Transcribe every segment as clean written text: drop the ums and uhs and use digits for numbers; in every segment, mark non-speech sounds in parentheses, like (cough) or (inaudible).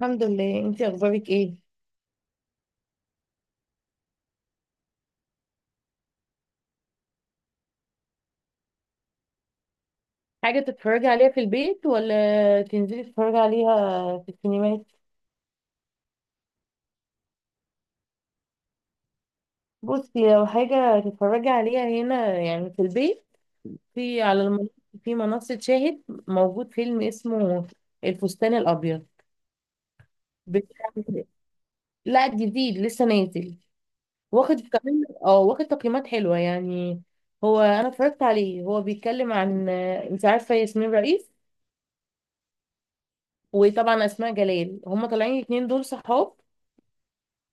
الحمد لله، انتي اخبارك ايه؟ حاجه تتفرجي عليها في البيت ولا تنزلي تتفرجي عليها في السينمات؟ بصي، لو حاجه تتفرجي عليها هنا يعني في البيت، في على المنصه، في منصه شاهد موجود فيلم اسمه الفستان الابيض بتاع، لا جديد لسه نازل، واخد كمان اه واخد تقييمات حلوه يعني. هو انا اتفرجت عليه، هو بيتكلم عن انت عارفه ياسمين رئيس، وطبعا اسماء جلال، هما طالعين الاتنين دول صحاب.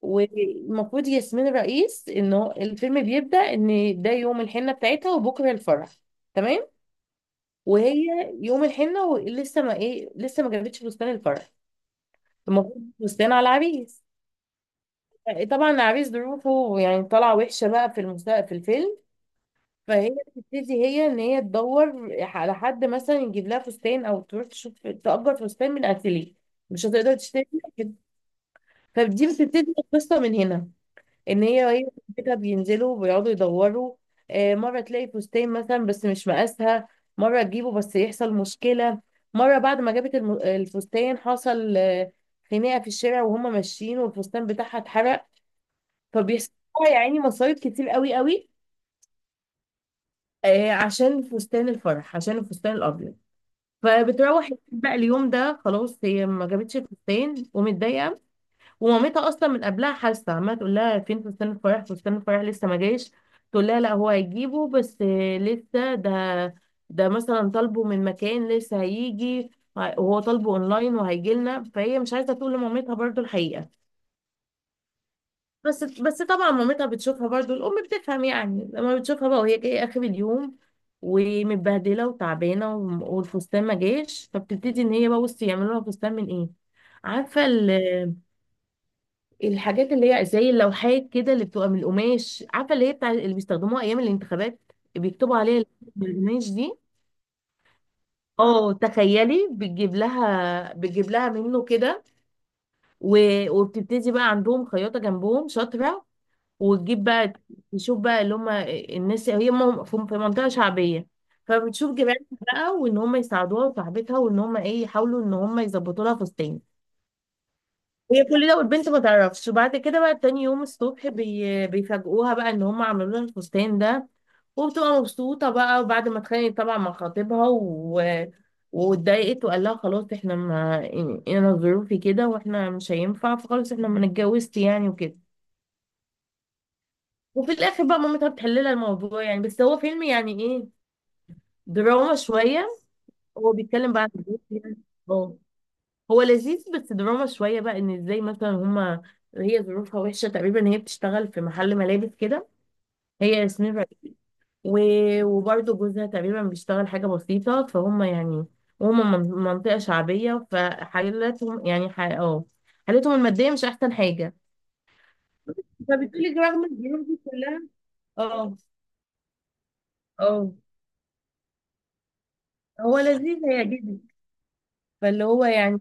والمفروض ياسمين الرئيس ان هو الفيلم بيبدأ ان ده يوم الحنة بتاعتها وبكرة الفرح، تمام. وهي يوم الحنة ولسه ما ايه، لسه ما جابتش فستان الفرح، المفروض فستان على العريس. طبعا العريس ظروفه يعني طالعة وحشة بقى في الفيلم. فهي بتبتدي هي ان هي تدور على حد مثلا يجيب لها فستان او تروح تشوف تأجر فستان من اتيليه، مش هتقدر تشتري كده. فدي بتبتدي القصة من هنا، ان هي هي بيتها بينزلوا بيقعدوا يدوروا. مره تلاقي فستان مثلا بس مش مقاسها، مره تجيبه بس يحصل مشكله، مره بعد ما جابت الفستان حصل خناقه في الشارع وهم ماشيين والفستان بتاعها اتحرق. فبيحصل لها يا عيني مصايب كتير قوي قوي، عشان فستان الفرح، عشان الفستان الابيض. فبتروح البيت بقى اليوم ده، خلاص هي ما جابتش الفستان ومتضايقه. ومامتها اصلا من قبلها حاسه، عماله تقول لها فين فستان الفرح، فستان الفرح لسه ما جايش. تقول لها لا هو هيجيبه، بس لسه ده، ده مثلا طالبه من مكان لسه هيجي، وهو طالبه اونلاين وهيجي لنا. فهي مش عايزه تقول لمامتها برضو الحقيقه. بس طبعا مامتها بتشوفها برضو، الام بتفهم يعني لما بتشوفها بقى وهي جايه اخر اليوم ومتبهدله وتعبانه والفستان ما جاش. فبتبتدي ان هي بقى، بصي، يعملوا لها فستان من ايه، عارفه، الحاجات اللي هي زي اللوحات كده اللي بتبقى من القماش، عارفه اللي هي بتاع اللي بيستخدموها ايام الانتخابات بيكتبوا عليها، من القماش دي. اه تخيلي، بتجيب لها بتجيب لها منه كده وبتبتدي بقى عندهم خياطه جنبهم شاطره، وتجيب بقى، تشوف بقى اللي هم الناس هي في في منطقه شعبيه، فبتشوف جيرانها بقى وان هم يساعدوها وصاحبتها وان هم ايه، يحاولوا ان هم يظبطوا لها فستان. هي كل ده والبنت ما تعرفش، وبعد كده بقى تاني يوم الصبح بيفاجئوها بقى ان هم عملوا لها الفستان ده. وبتبقى مبسوطة بقى، وبعد ما اتخانقت طبعا مع خطيبها و... واتضايقت وقال لها خلاص احنا ما، انا ظروفي كده واحنا مش هينفع، فخلاص احنا ما اتجوزت يعني وكده. وفي الاخر بقى مامتها بتحل لها الموضوع. يعني بس هو فيلم يعني ايه، دراما شوية. هو بيتكلم بقى عن الجواز يعني. اه هو لذيذ بس دراما شوية بقى، ان ازاي مثلا هما، هي ظروفها وحشة تقريبا، هي بتشتغل في محل ملابس كده، هي ياسمين رئيس، وبرضه جوزها تقريبا بيشتغل حاجة بسيطة فهم يعني، وهم من منطقة شعبية، فحالتهم يعني اه حالتهم المادية مش أحسن حاجة. فبتقولي رغم الظروف دي كلها، اه اه، هو لذيذ هيعجبك فاللي هو يعني.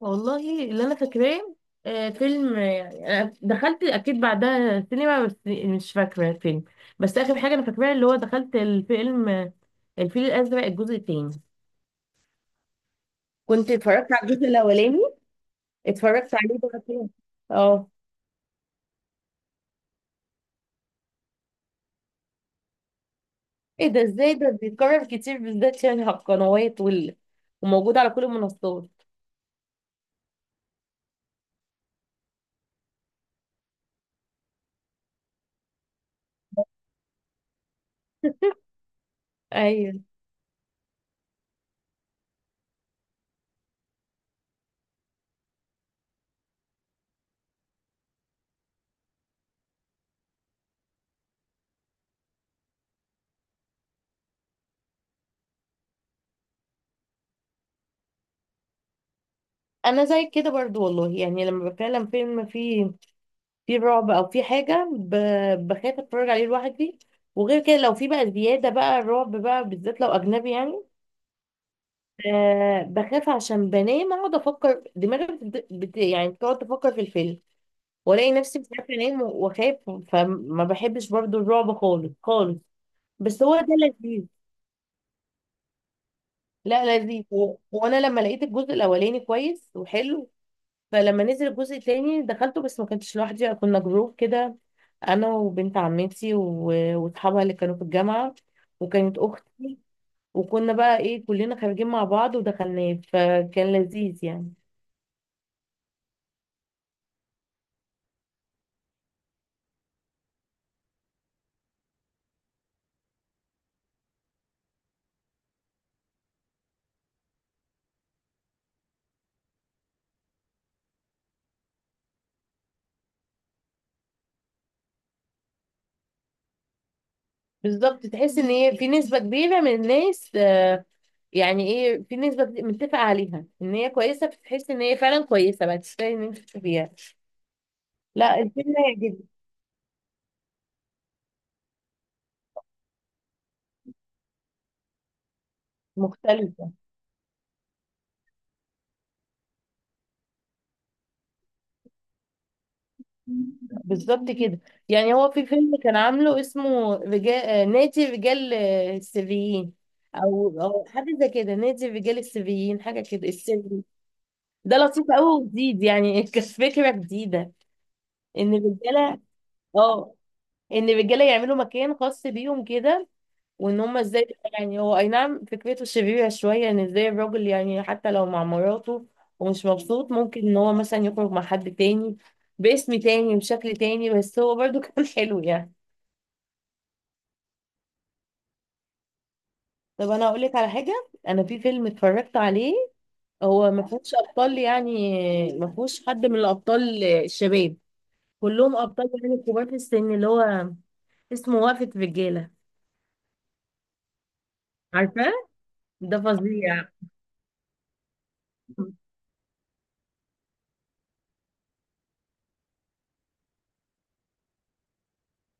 والله اللي انا فاكراه، فيلم، يعني أنا دخلت اكيد بعدها سينما بس مش فاكره الفيلم، بس اخر حاجه انا فاكراها اللي هو دخلت الفيلم، الفيل الازرق الجزء التاني. كنت اتفرجت على الجزء الاولاني، اتفرجت عليه مرتين. اه، ايه ده؟ ازاي ده بيتكرر كتير بالذات يعني على القنوات وموجود على كل المنصات. ايوه، انا زي كده برضو والله، يعني لما بتكلم فيلم فيه في رعب او في حاجه، بخاف اتفرج عليه لوحدي. وغير كده لو في بقى زياده بقى الرعب بقى، بالذات لو اجنبي يعني، أه بخاف عشان بنام اقعد افكر، دماغي يعني بتقعد تفكر في الفيلم، والاقي نفسي مش عارفه انام واخاف. فما بحبش برضو الرعب خالص خالص. بس هو ده لذيذ، لا لذيذ و... وانا لما لقيت الجزء الاولاني كويس وحلو، فلما نزل الجزء التاني دخلته، بس ما كنتش لوحدي، كنا جروب كده، انا وبنت عمتي واصحابها اللي كانوا في الجامعه، وكانت اختي، وكنا بقى ايه كلنا خارجين مع بعض ودخلناه فكان لذيذ يعني. بالظبط، تحس ان هي في نسبه كبيره من الناس، يعني ايه، في نسبه متفق عليها ان هي كويسه، فتحس ان هي فعلا كويسه بقى تستاهل ان انت تشوفيها. لا الفيلم جدا مختلف. بالظبط كده. يعني هو في فيلم كان عامله اسمه رجال، نادي رجال، السريين، او حاجه زي كده، نادي رجال السريين، حاجه كده السري. ده لطيف قوي وجديد يعني (laughs) كفكره جديده، ان الرجاله، اه ان الرجاله يعملوا مكان خاص بيهم كده، وان هم ازاي، يعني هو اي نعم فكرته شريره شويه، ان ازاي الراجل يعني حتى لو مع مراته ومش مبسوط، ممكن ان هو مثلا يخرج مع حد تاني باسم تاني وشكل تاني، بس هو برضو (laughs) كان حلو يعني. طب انا اقول لك على حاجه، انا في فيلم اتفرجت عليه، هو ما فيهوش ابطال يعني، ما فيهوش حد من الابطال الشباب، كلهم ابطال يعني كبار في السن، اللي هو اسمه وقفة رجالة، عارفاه؟ ده فظيع.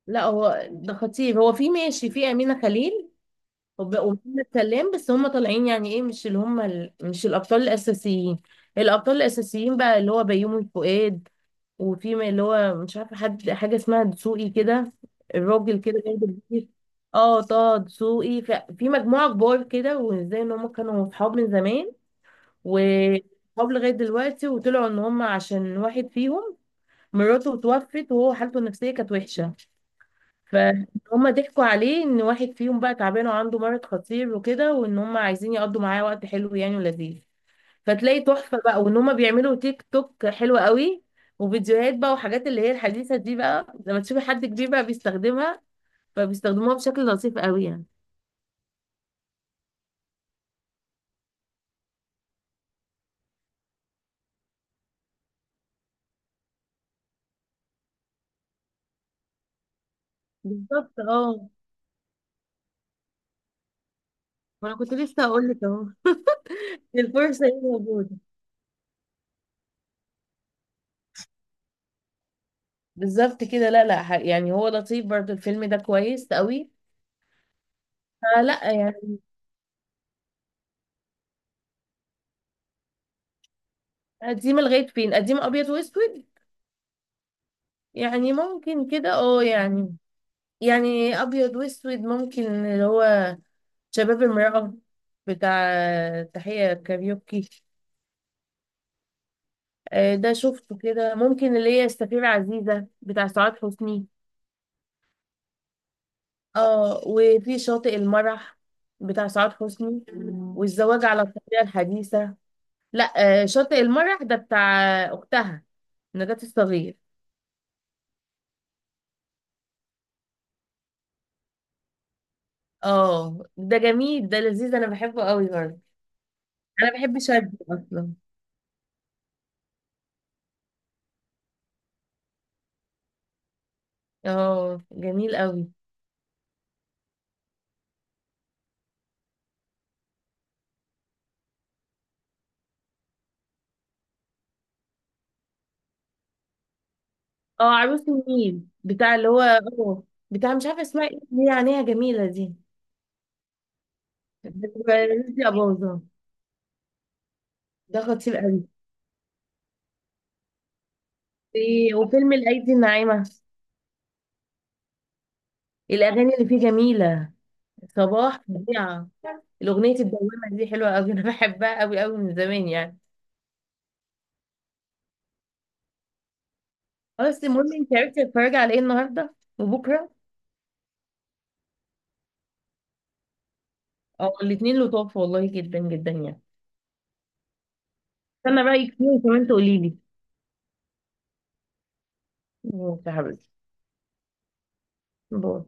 لا هو ده خطير، هو في ماشي في امينه خليل ومحمد سلام، بس هم طالعين يعني ايه، مش اللي هم مش الابطال الاساسيين. الابطال الاساسيين بقى اللي هو بيومي فؤاد، وفي اللي هو مش عارفه حد، حاجه اسمها دسوقي كده، الراجل كده برضه كبير، اه طه دسوقي، في مجموعه كبار كده، وازاي ان هم كانوا صحاب من زمان وصحاب لغايه دلوقتي، وطلعوا ان هم عشان واحد فيهم مراته اتوفت وهو حالته النفسيه كانت وحشه، فهم ضحكوا عليه ان واحد فيهم بقى تعبان وعنده مرض خطير وكده، وان هم عايزين يقضوا معاه وقت حلو يعني ولذيذ. فتلاقي تحفة بقى، وان هما بيعملوا تيك توك حلوة قوي وفيديوهات بقى وحاجات اللي هي الحديثة دي، بقى لما تشوفي حد كبير بقى بيستخدمها، فبيستخدموها بشكل لطيف قوي يعني. بالظبط اه، وانا كنت لسه هقول لك اهو الفرصة هي موجودة. بالظبط كده. لا لا يعني هو لطيف برضو الفيلم ده كويس قوي، فلا يعني. قديم لغاية فين؟ قديم ابيض واسود يعني؟ ممكن كده اه يعني، يعني ابيض واسود ممكن اللي هو شباب المرأة بتاع، تحية كاريوكي، ده شفته كده، ممكن اللي هي السفيرة عزيزة بتاع سعاد حسني. اه وفي شاطئ المرح بتاع سعاد حسني. مم. والزواج على الطريقة الحديثة. لا شاطئ المرح ده بتاع أختها نجاة الصغير. اه ده جميل ده لذيذ، انا بحبه قوي برضه. انا بحب شاب اصلا. اه جميل قوي. اه، عروس النيل بتاع اللي هو اه، بتاع مش عارفه اسمها ايه، اللي هي عينيها جميله دي، دي اباظه، ده خطير قوي. في- وفيلم الايدي الناعمه، الاغاني اللي فيه جميله، صباح فظيعه، الاغنيه الدوامه دي حلوه قوي (laughs) انا بحبها قوي قوي من زمان يعني. خلاص، المهم انت عرفتي تتفرجي على ايه النهارده وبكره؟ اه الاثنين لطاف والله جدا جدا يعني. استنى رايك فيه وكمان تقولي لي. ماشي يا حبيبتي، باي.